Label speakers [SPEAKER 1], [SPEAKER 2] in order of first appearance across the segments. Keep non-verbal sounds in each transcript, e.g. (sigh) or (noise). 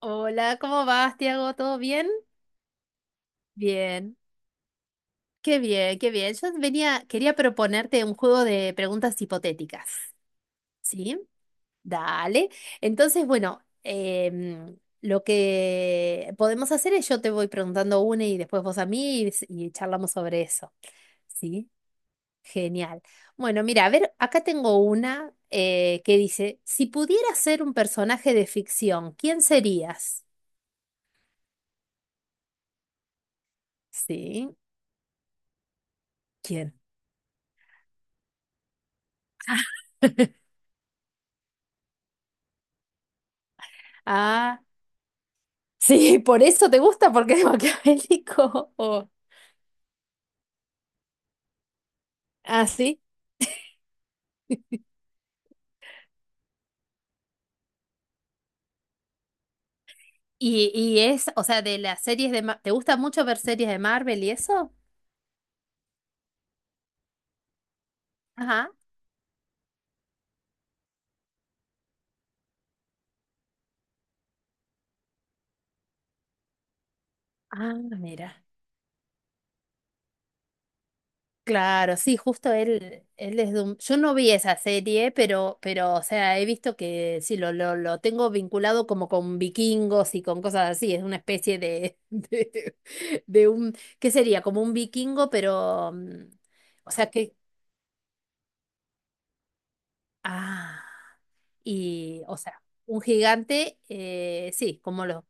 [SPEAKER 1] Hola, ¿cómo vas, Tiago? ¿Todo bien? Bien, qué bien, qué bien. Yo venía, quería proponerte un juego de preguntas hipotéticas, ¿sí? Dale. Entonces, bueno, lo que podemos hacer es yo te voy preguntando una y después vos a mí y charlamos sobre eso, ¿sí? Genial. Bueno, mira, a ver, acá tengo una que dice, si pudieras ser un personaje de ficción, ¿quién serías? ¿Sí? ¿Quién? (laughs) Ah, sí, por eso te gusta, porque es maquiavélico. (laughs) O... Ah, sí. Y es, o sea, de las series de... ¿Te gusta mucho ver series de Marvel y eso? Ajá. Ah, mira. Claro, sí, justo él, yo no vi esa serie, pero, o sea, he visto que sí, lo tengo vinculado como con vikingos y con cosas así. Es una especie de, (laughs) de un, ¿qué sería? Como un vikingo, pero, o sea que, ah. Y, o sea, un gigante, sí, como lo,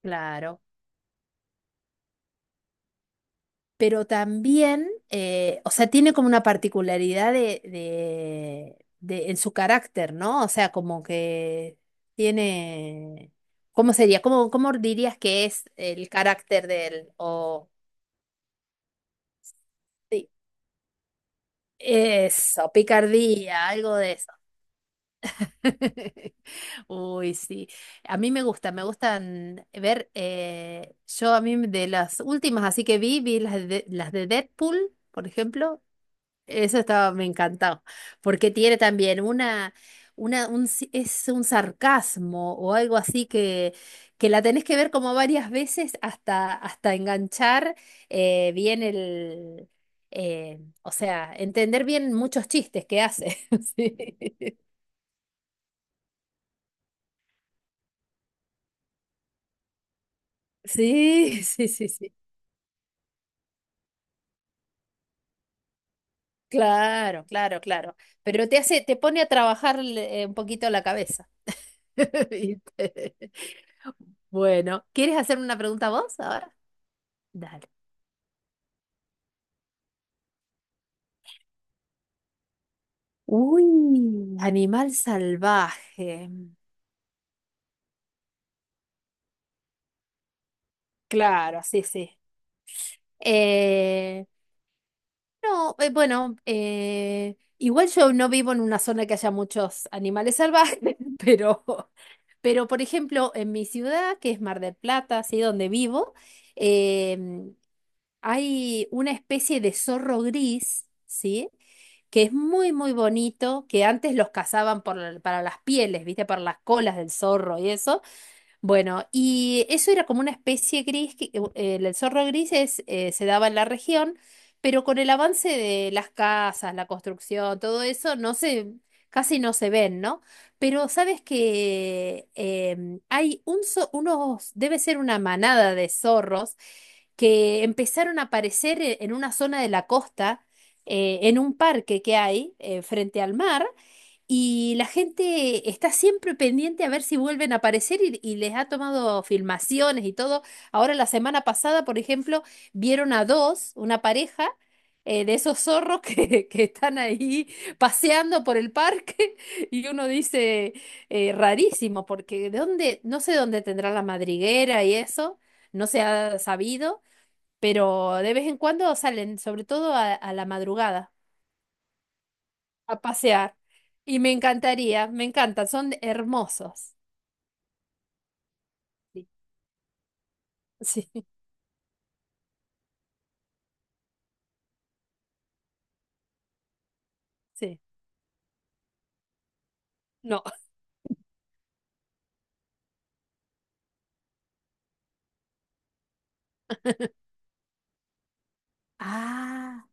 [SPEAKER 1] claro. Pero también, o sea, tiene como una particularidad en su carácter, ¿no? O sea, como que tiene, ¿cómo sería? ¿Cómo dirías que es el carácter de él? O, sí, eso, picardía, algo de eso. (laughs) Uy, sí. A mí me gusta, me gustan ver, yo a mí de las últimas, así que vi las de Deadpool, por ejemplo, eso estaba, me encantó, porque tiene también una, un, si- es un sarcasmo o algo así que la tenés que ver como varias veces hasta, hasta enganchar bien el, o sea, entender bien muchos chistes que hace. (laughs) Sí. Sí, (laughs) sí, sí, sí. Claro, claro, claro. Pero te hace, te pone a trabajar un poquito la cabeza. (laughs) ¿Viste? Bueno, ¿quieres hacer una pregunta vos ahora? Dale. Uy, animal salvaje. Claro, sí, sí. Eh, no, bueno, igual yo no vivo en una zona que haya muchos animales salvajes, (laughs) pero, pero por ejemplo, en mi ciudad, que es Mar del Plata, así donde vivo, em, hay una especie de zorro gris, ¿sí? Que es muy, muy bonito, que antes los cazaban por, para las pieles, ¿viste? Para las colas del zorro y eso. Bueno, y eso era como una especie gris, que, el zorro gris es, se daba en la región, pero con el avance de las casas, la construcción, todo eso, no se, casi no se ven, ¿no? Pero sabes que hay un, debe ser una manada de zorros que empezaron a aparecer en una zona de la costa, en un parque que hay, frente al mar. Y la gente está siempre pendiente a ver si vuelven a aparecer y les ha tomado filmaciones y todo. Ahora la semana pasada, por ejemplo, vieron a dos, una pareja de esos zorros que, (laughs) que están ahí paseando por el parque y uno dice, rarísimo, porque de dónde, no sé dónde tendrá la madriguera y eso, no se ha sabido, pero de vez en cuando salen, sobre todo a la madrugada a pasear. Y me encantaría, me encantan, son hermosos. Sí, (laughs) sí, sí. No, (laughs) Ah,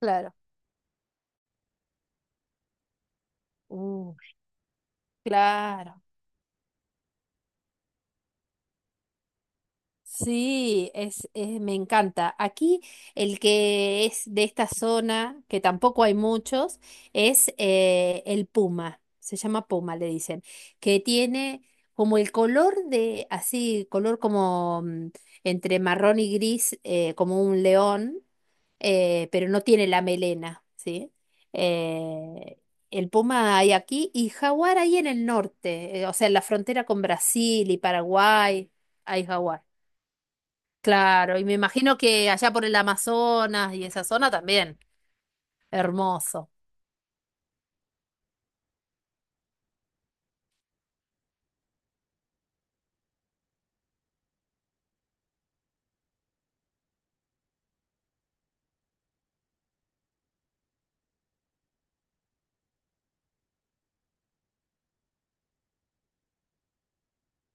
[SPEAKER 1] claro, uh, claro. Sí, es, me encanta. Aquí el que es de esta zona, que tampoco hay muchos, es el puma. Se llama puma, le dicen, que tiene como el color de, así, color como entre marrón y gris, como un león, pero no tiene la melena, ¿sí? Eh, el puma hay aquí y jaguar hay en el norte, o sea, en la frontera con Brasil y Paraguay hay jaguar. Claro, y me imagino que allá por el Amazonas y esa zona también, hermoso.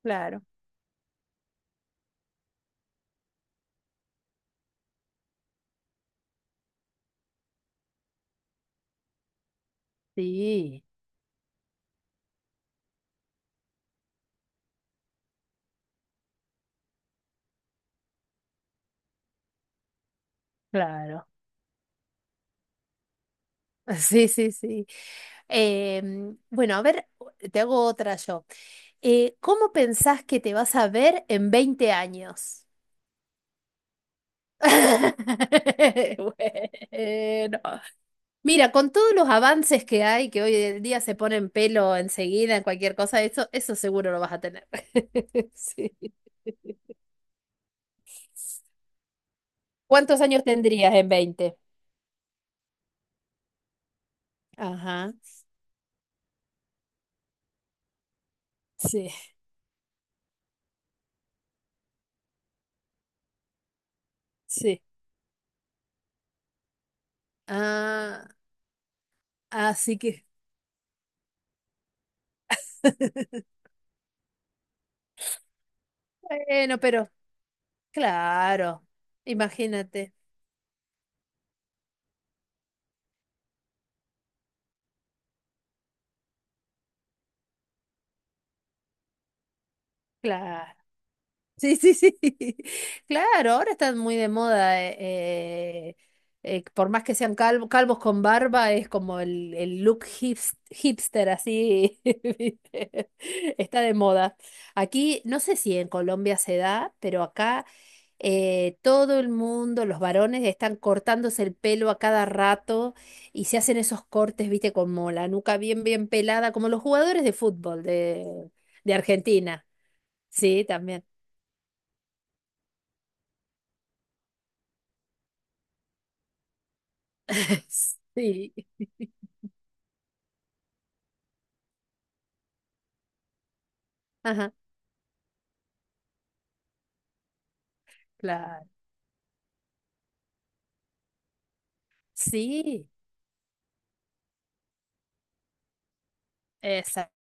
[SPEAKER 1] Claro. Sí, claro. (laughs) Sí, sí, sí. Bueno, a ver, te hago otra yo. ¿Cómo pensás que te vas a ver en 20 años? (laughs) Bueno, mira, con todos los avances que hay, que hoy en día se ponen pelo enseguida en cualquier cosa, eso seguro lo vas a tener. (laughs) Sí. ¿Cuántos años tendrías en 20? Ajá. Sí, sí. Ah, así que, bueno, pero claro, imagínate, claro. Sí, sí, sí. (laughs) Claro, ahora están muy de moda. Eh, por más que sean calvos con barba, es como el look hipster, así. (laughs) ¿Viste? Está de moda. Aquí, no sé si en Colombia se da, pero acá todo el mundo, los varones, están cortándose el pelo a cada rato y se hacen esos cortes, viste, como la nuca bien, bien pelada, como los jugadores de fútbol de Argentina. Sí, también. (laughs) Sí, ajá, claro. Sí, exacto.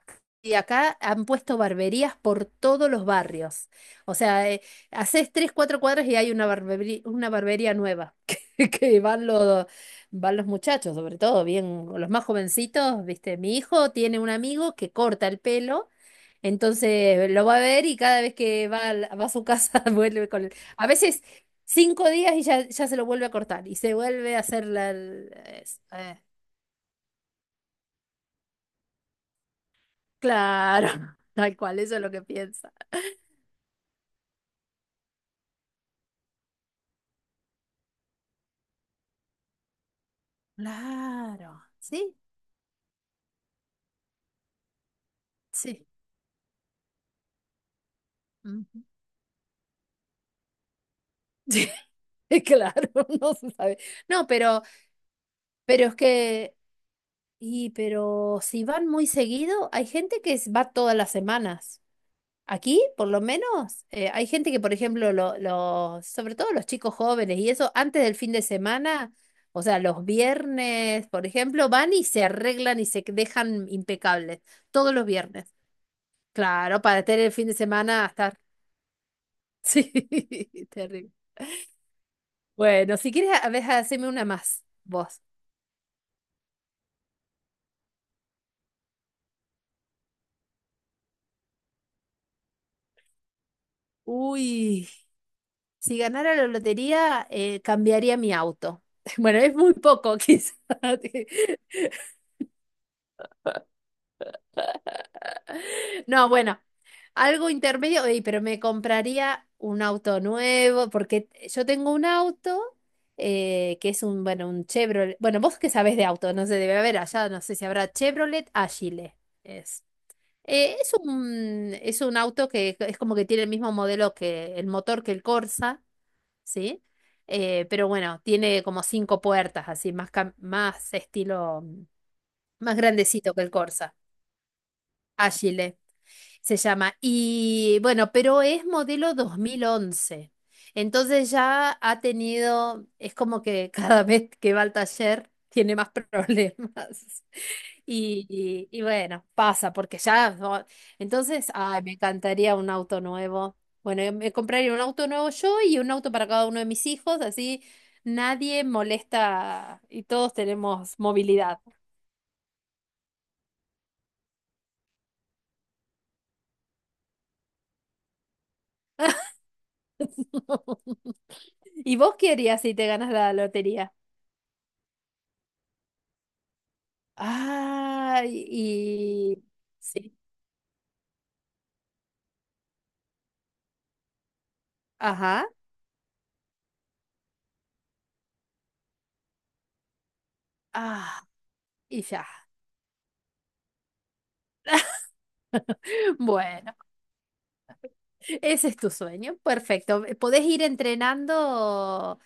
[SPEAKER 1] Y acá han puesto barberías por todos los barrios. O sea, haces 3, 4 cuadras y hay una barbería nueva (laughs) que van los muchachos, sobre todo, bien, los más jovencitos, ¿viste? Mi hijo tiene un amigo que corta el pelo. Entonces lo va a ver y cada vez que va, va a su casa (laughs) vuelve con... A veces 5 días y ya, ya se lo vuelve a cortar y se vuelve a hacer la... claro, (laughs) tal cual, eso es lo que piensa. Claro, sí, sí. Ujú. (laughs) Claro, (laughs) no se sabe. No, pero es que... Y pero si van muy seguido, hay gente que va todas las semanas. Aquí, por lo menos, hay gente que, por ejemplo, los, sobre todo los chicos jóvenes y eso, antes del fin de semana, o sea, los viernes, por ejemplo, van y se arreglan y se dejan impecables todos los viernes. Claro, para tener el fin de semana a estar. (laughs) Sí, terrible. Bueno, si quieres, a ver, haceme una más, vos. Uy, si ganara la lotería, cambiaría mi auto. (laughs) Bueno, es muy poco, (laughs) quizás. No, bueno, algo intermedio, ey, pero me compraría un auto nuevo, porque yo tengo un auto que es un, bueno, un Chevrolet. Bueno, vos que sabés de auto, no sé, debe haber allá, no sé si habrá Chevrolet Agile. Es. Es un, auto que es como que tiene el mismo modelo que el motor que el Corsa, ¿sí? Pero bueno, tiene como 5 puertas, así, más estilo, más grandecito que el Corsa. Agile. Se llama. Y bueno, pero es modelo 2011. Entonces ya ha tenido, es como que (laughs) cada vez que va al taller tiene más problemas. (laughs) Y bueno, pasa, porque ya... Entonces, ay, me encantaría un auto nuevo. Bueno, yo me compraría un auto nuevo yo y un auto para cada uno de mis hijos, así nadie molesta y todos tenemos movilidad. (laughs) ¿Y vos qué harías si te ganas la lotería? Ah, y sí, ajá, ah, y ya. (laughs) Bueno, ese es tu sueño, perfecto. Podés ir entrenando,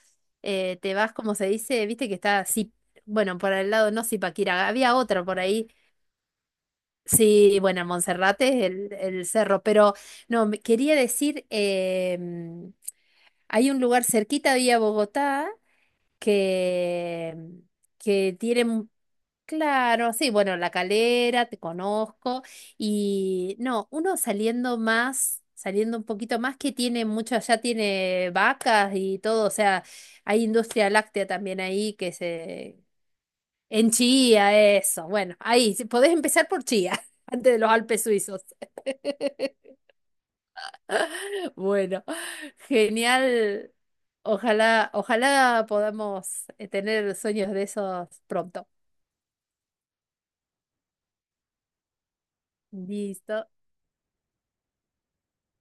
[SPEAKER 1] te vas, como se dice, viste que está así, bueno, por el lado no Zipaquirá, había otro por ahí. Sí, bueno, Monserrate es el cerro, pero no, quería decir, hay un lugar cerquita de ahí a Bogotá que, que tiene, claro, sí, bueno, La Calera, te conozco. Y no, uno saliendo más, saliendo un poquito más, que tiene mucho, allá tiene vacas y todo, o sea, hay industria láctea también ahí que se... En Chía, eso. Bueno, ahí, si podés empezar por Chía, (laughs) antes de los Alpes suizos. (laughs) Bueno, genial. Ojalá, ojalá podamos tener sueños de esos pronto. Listo.